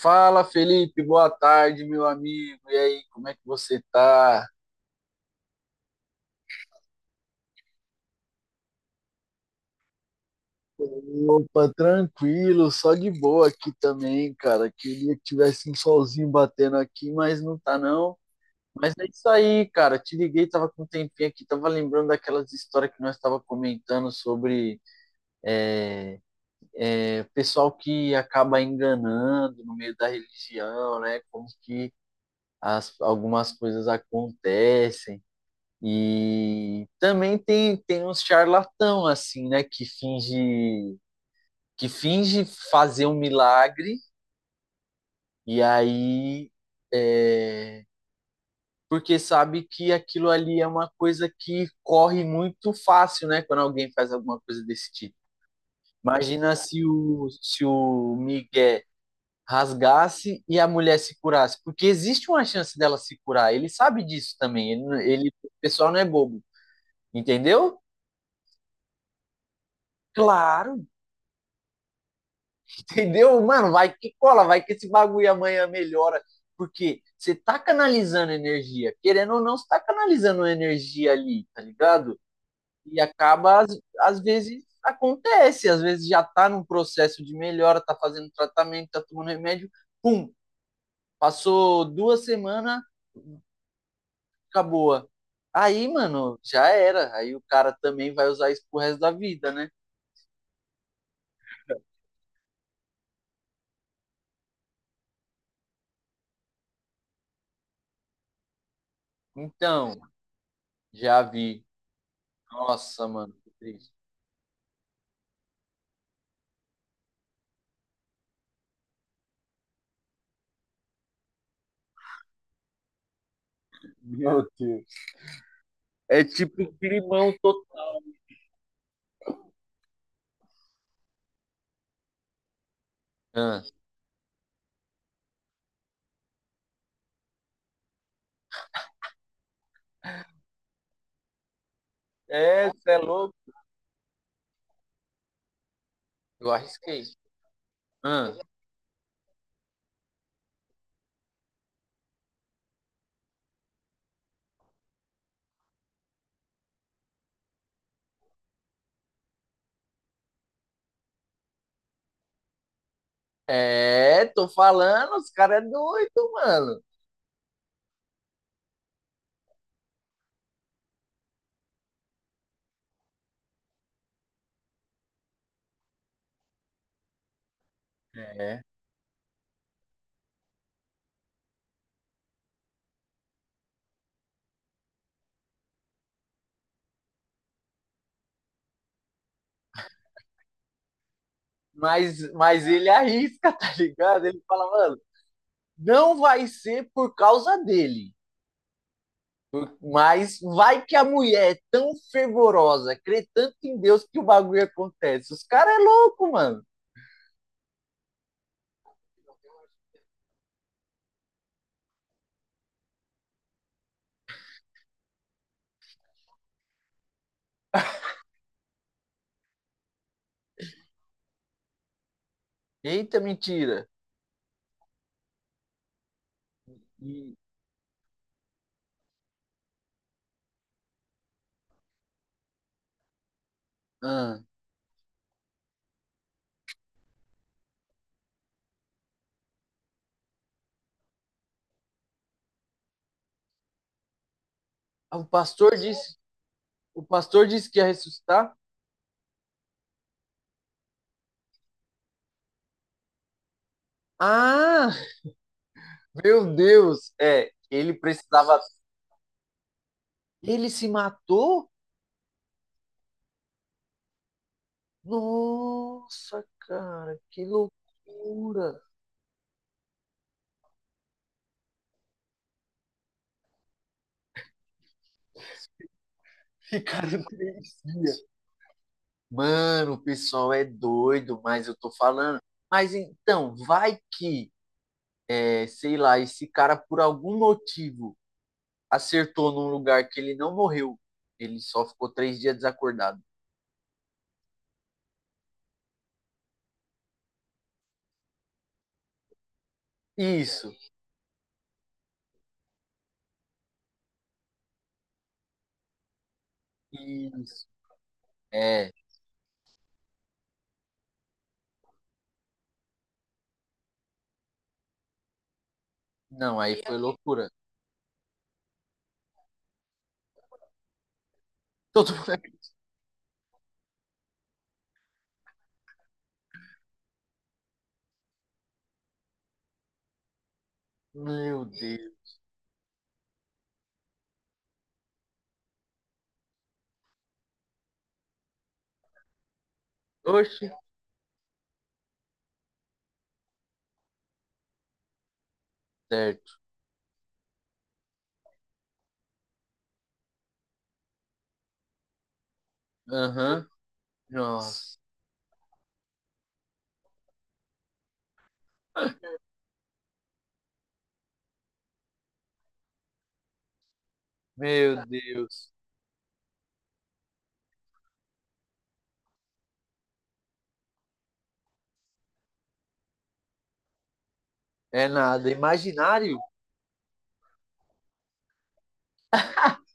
Fala, Felipe, boa tarde, meu amigo. E aí, como é que você tá? Opa, tranquilo, só de boa aqui também, cara. Queria que tivesse um solzinho batendo aqui, mas não tá não. Mas é isso aí, cara. Te liguei, tava com um tempinho aqui, tava lembrando daquelas histórias que nós tava comentando sobre o pessoal que acaba enganando no meio da religião, né? Como que as, algumas coisas acontecem. E também tem uns charlatão assim, né, que finge fazer um milagre e aí é, porque sabe que aquilo ali é uma coisa que corre muito fácil, né, quando alguém faz alguma coisa desse tipo. Imagina se o Miguel rasgasse e a mulher se curasse, porque existe uma chance dela se curar. Ele sabe disso também. Ele O pessoal não é bobo, entendeu? Claro, entendeu? Mano, vai que cola, vai que esse bagulho amanhã melhora. Porque você tá canalizando energia. Querendo ou não, você tá canalizando energia ali, tá ligado? E acaba, às vezes, acontece. Às vezes já tá num processo de melhora, tá fazendo tratamento, tá tomando remédio. Pum, passou 2 semanas, acabou. Aí, mano, já era. Aí o cara também vai usar isso pro resto da vida, né? Então, já vi. Nossa, mano, que triste. Meu Deus. É tipo climão total. Ah, é, cê é louco. Eu arrisquei. Ah, é, tô falando, os caras é doido, mano. É. Mas ele arrisca, tá ligado? Ele fala, mano, não vai ser por causa dele. Mas vai que a mulher é tão fervorosa, crê tanto em Deus que o bagulho acontece. Os caras é louco, mano. Eita, mentira. E, ah, o pastor disse, o pastor disse que ia ressuscitar. Ah, Meu Deus! É, ele precisava. Ele se matou? Nossa, cara, que loucura! Ficaram 3 dias. Mano, o pessoal é doido, mas eu tô falando. Mas então, vai que, é, sei lá, esse cara, por algum motivo, acertou num lugar que ele não morreu. Ele só ficou 3 dias desacordado. Isso, isso. É, não, aí foi loucura. Todo mundo é. Meu Deus. Oxe. Certo. Aham. Nossa. Meu Deus. É nada. Imaginário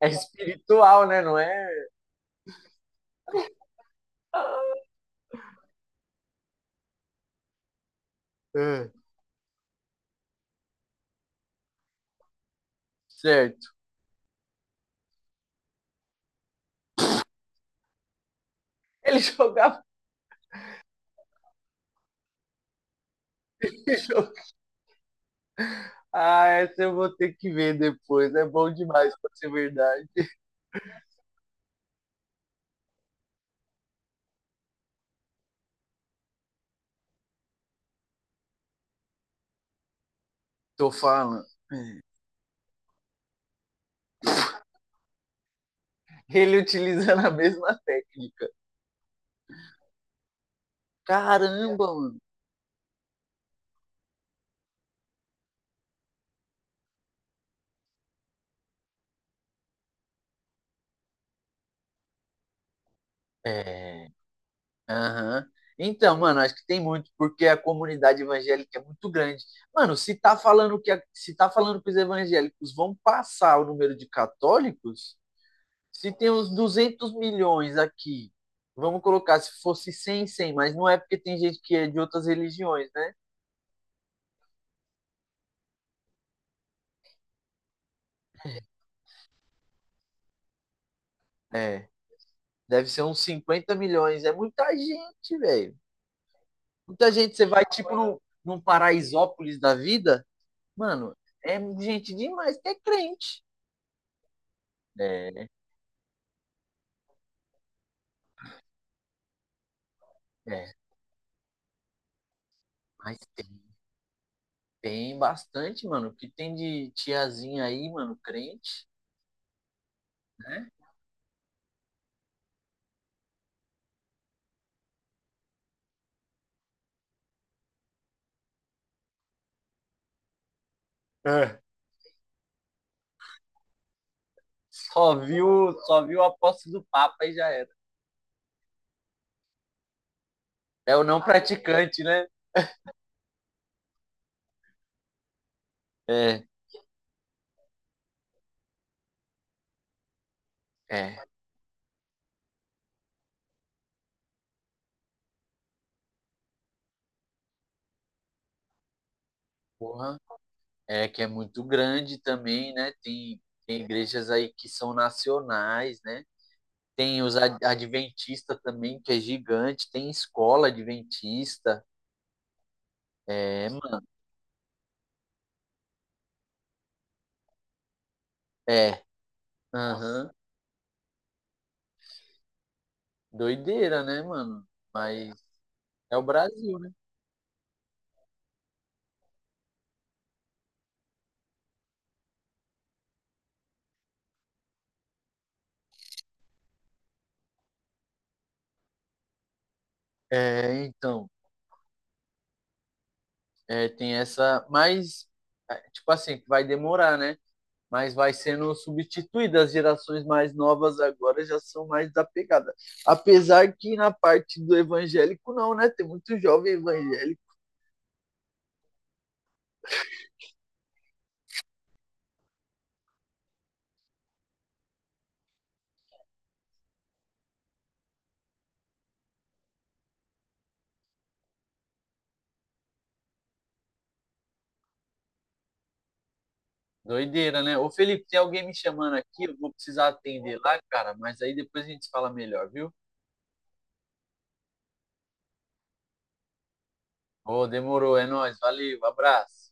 é espiritual, né? Não é? Ah, certo. Ele jogava. Ele jogava. Ah, essa eu vou ter que ver depois. É bom demais pra ser verdade. Tô falando. É. Ele utilizando a mesma técnica. Caramba, mano. É. Aham. Então, mano, acho que tem muito, porque a comunidade evangélica é muito grande. Mano, se tá falando que a- se tá falando que os evangélicos vão passar o número de católicos, se tem uns 200 milhões aqui, vamos colocar se fosse cem mas não é porque tem gente que é de outras religiões, né? É, deve ser uns 50 milhões, é muita gente, velho. Muita gente, você vai tipo num Paraisópolis da vida, mano, é gente demais que é crente. É. É, mas tem bastante, mano. O que tem de tiazinha aí, mano, crente, né? É. Só viu a posse do Papa e já era. É o não praticante, né? É, é. Porra. É que é muito grande também, né? Tem igrejas aí que são nacionais, né? Tem os adventistas também, que é gigante. Tem escola adventista. É, mano. É. Aham. Doideira, né, mano? Mas é o Brasil, né? É, então. É, tem essa, mas é, tipo assim, vai demorar, né? Mas vai sendo substituída. As gerações mais novas agora já são mais desapegadas. Apesar que na parte do evangélico não, né? Tem muito jovem evangélico. Doideira, né? Ô Felipe, tem alguém me chamando aqui, eu vou precisar atender lá, cara, mas aí depois a gente fala melhor, viu? Ô, demorou, é nóis, valeu, abraço.